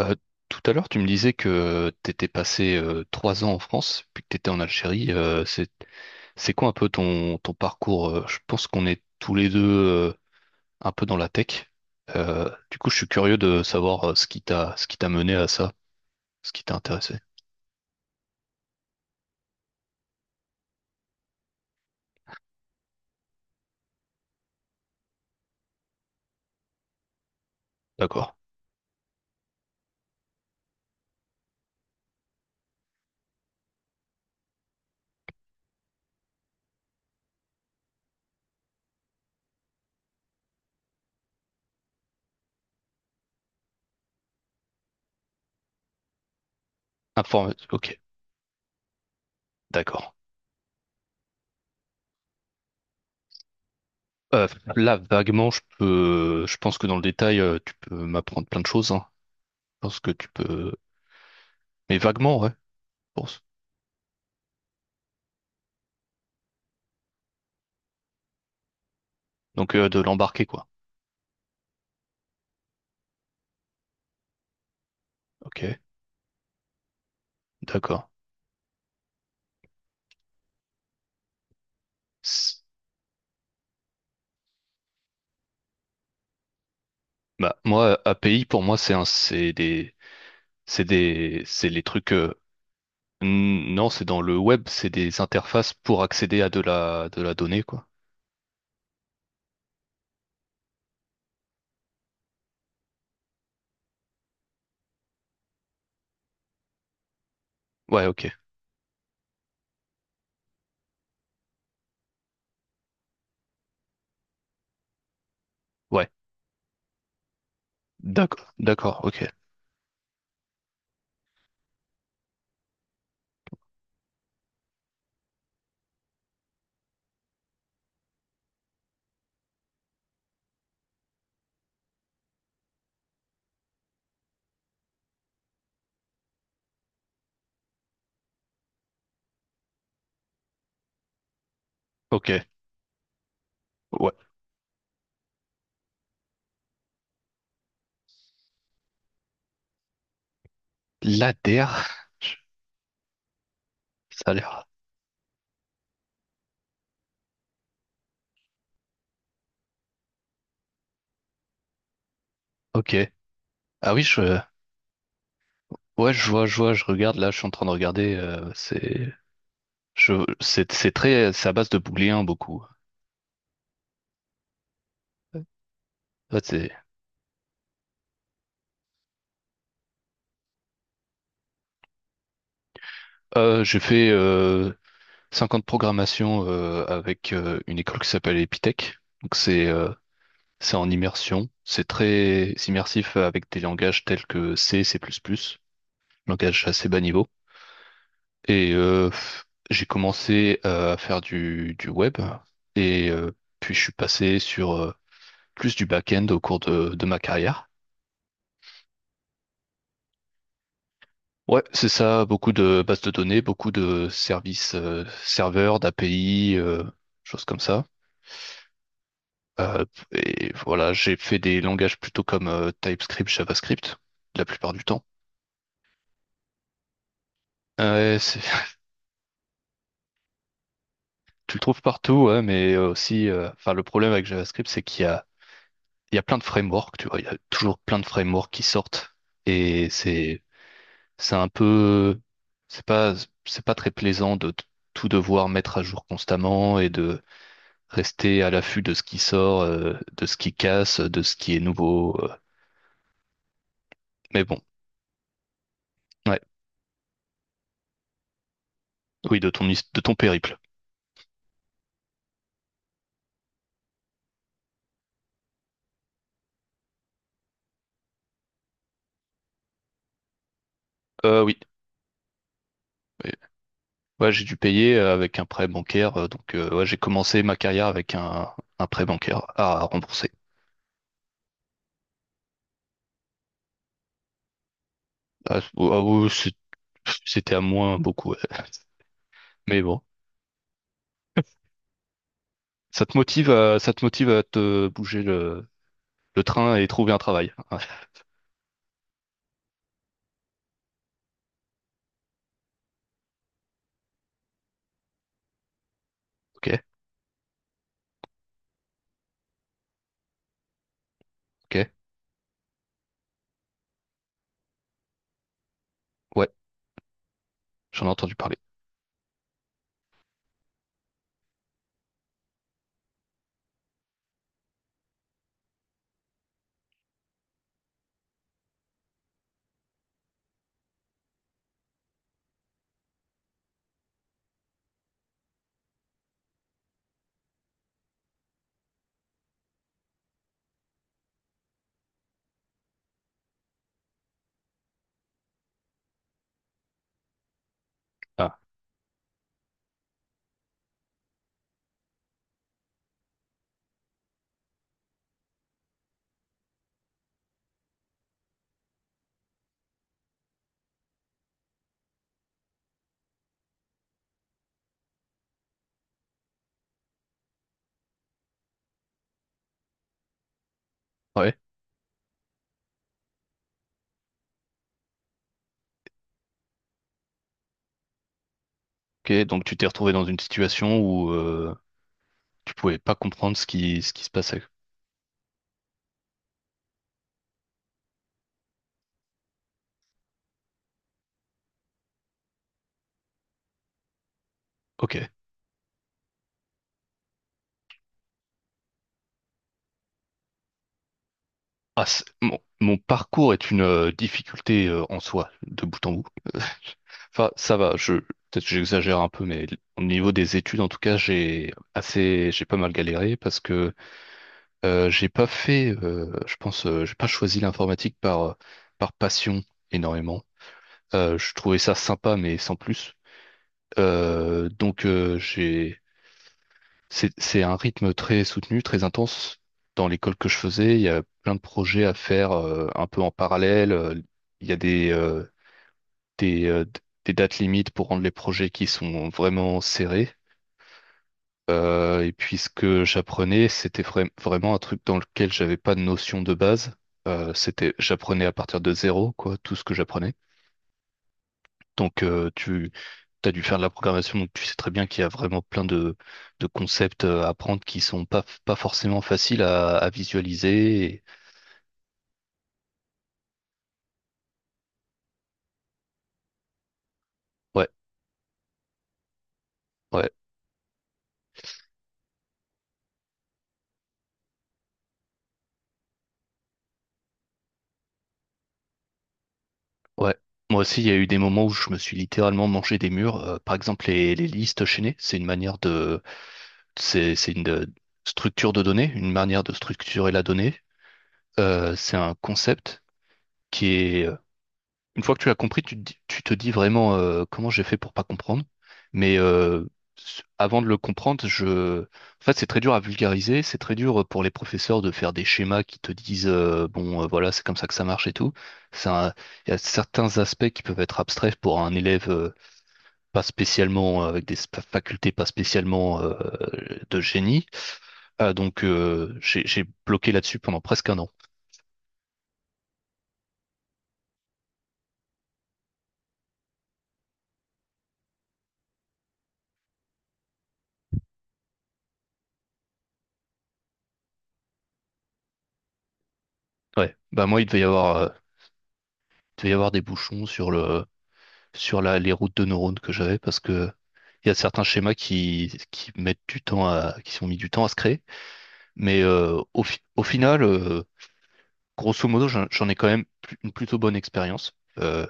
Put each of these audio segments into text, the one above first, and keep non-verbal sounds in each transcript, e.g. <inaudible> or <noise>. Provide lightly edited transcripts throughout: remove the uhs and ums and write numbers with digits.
Euh, Tout à l'heure, tu me disais que tu étais passé trois ans en France, puis que tu étais en Algérie. C'est quoi un peu ton parcours? Je pense qu'on est tous les deux un peu dans la tech. Du coup, je suis curieux de savoir ce qui ce qui t'a mené à ça, ce qui t'a intéressé. D'accord. Informatique. Ok. D'accord. Euh, Là, vaguement, je pense que dans le détail, tu peux m'apprendre plein de choses, hein. Je pense que tu peux, mais vaguement, ouais. Je pense. Donc, de l'embarquer, quoi. Ok. D'accord. Bah, moi, API, pour moi, c'est un, c'est des, c'est des, c'est les trucs, non, c'est dans le web, c'est des interfaces pour accéder à de la donnée, quoi. Ouais, ok. Ouais. D'accord, d'accord, ok. Ok. Ouais. la L'ADR, <laughs> ça a l'air. Ok. Ah oui, ouais, je vois, je regarde, là, je suis en train de regarder, c'est très, c'est à base de booléen, beaucoup. Ouais, c'est, j'ai fait, cinq ans de programmation avec une école qui s'appelle Epitech. Donc c'est en immersion. C'est très immersif avec des langages tels que C, C++, langage assez bas niveau. Et j'ai commencé à faire du web et puis je suis passé sur plus du back-end au cours de ma carrière. Ouais, c'est ça, beaucoup de bases de données, beaucoup de services serveurs, d'API, choses comme ça. Euh, et voilà, j'ai fait des langages plutôt comme TypeScript, JavaScript, la plupart du temps. Euh, Ouais, c'est- <laughs> Tu le trouves partout, ouais, mais enfin, le problème avec JavaScript, c'est qu'il y a, il y a plein de frameworks, tu vois, il y a toujours plein de frameworks qui sortent, et c'est un peu, c'est pas, c'est pas très plaisant tout devoir mettre à jour constamment et de rester à l'affût de ce qui sort, de ce qui casse, de ce qui est nouveau. Mais bon, ouais. Oui, de de ton périple. Oui. Oui. Ouais, j'ai dû payer avec un prêt bancaire. Donc, ouais, j'ai commencé ma carrière avec un prêt bancaire à rembourser. Ah, oui, c'était à moins beaucoup. Ouais. <laughs> Mais bon, ça te motive à te bouger le train et trouver un travail. Ouais. Ok, ok. Ouais, j'en ai entendu parler. Ah, ouais. Ok, donc tu t'es retrouvé dans une situation où tu pouvais pas comprendre ce ce qui se passait. Ok. Mon parcours est une difficulté en soi, de bout en bout. Enfin, ça va, peut-être que j'exagère un peu, mais au niveau des études, en tout cas, j'ai pas mal galéré parce que j'ai pas fait, je pense, j'ai pas choisi l'informatique par passion énormément. Je trouvais ça sympa, mais sans plus. Donc, j'ai c'est un rythme très soutenu, très intense. Dans l'école que je faisais, il y a plein de projets à faire un peu en parallèle. Il y a des, d- Des dates limites pour rendre les projets qui sont vraiment serrés. Et puis ce que j'apprenais, c'était vraiment un truc dans lequel j'avais pas de notion de base. J'apprenais à partir de zéro, quoi, tout ce que j'apprenais. Donc tu as dû faire de la programmation, donc tu sais très bien qu'il y a vraiment plein de concepts à apprendre qui sont pas forcément faciles à visualiser. Et ouais, ouais, ouais. Moi aussi, il y a eu des moments où je me suis littéralement mangé des murs. Par exemple, les listes chaînées, c'est une structure de données, une manière de structurer la donnée. C'est un concept qui est Une fois que tu as compris, tu te dis vraiment comment j'ai fait pour pas comprendre. Mais avant de le comprendre, je... En fait, c'est très dur à vulgariser. C'est très dur pour les professeurs de faire des schémas qui te disent bon, voilà, c'est comme ça que ça marche et tout. C'est un- Il y a certains aspects qui peuvent être abstraits pour un élève pas spécialement avec des facultés pas spécialement de génie. Ah, donc j'ai bloqué là-dessus pendant presque un an. Ouais. Bah moi, il devait y avoir des bouchons sur les routes de neurones que j'avais parce que il y a certains schémas qui mettent du temps à, qui sont mis du temps à se créer. Mais euh, au final, grosso modo, j'en ai quand même une plutôt bonne expérience. Euh,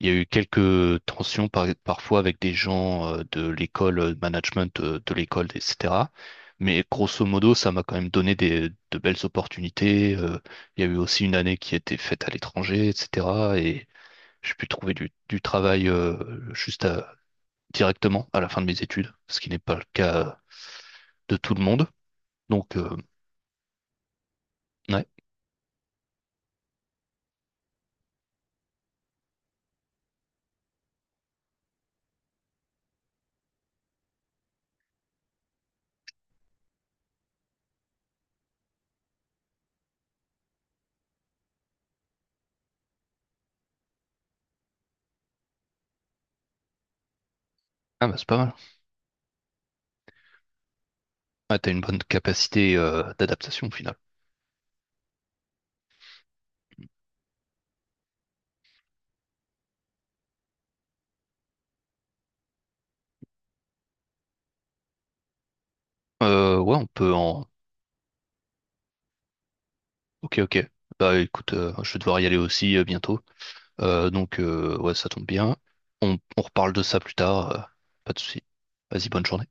il y a eu quelques tensions parfois avec des gens de l'école management l'école, etc. Mais grosso modo, ça m'a quand même donné de belles opportunités. Il y a eu aussi une année qui était faite à l'étranger, etc. Et j'ai pu trouver du travail directement à la fin de mes études, ce qui n'est pas le cas de tout le monde. Donc, ouais. Ah bah c'est pas mal. Ah, t'as une bonne capacité d'adaptation au final. Ouais, on peut en... Ok, ok. Bah écoute, je vais devoir y aller aussi bientôt. Ouais, ça tombe bien. On reparle de ça plus tard. Pas de souci. Vas-y, bonne journée.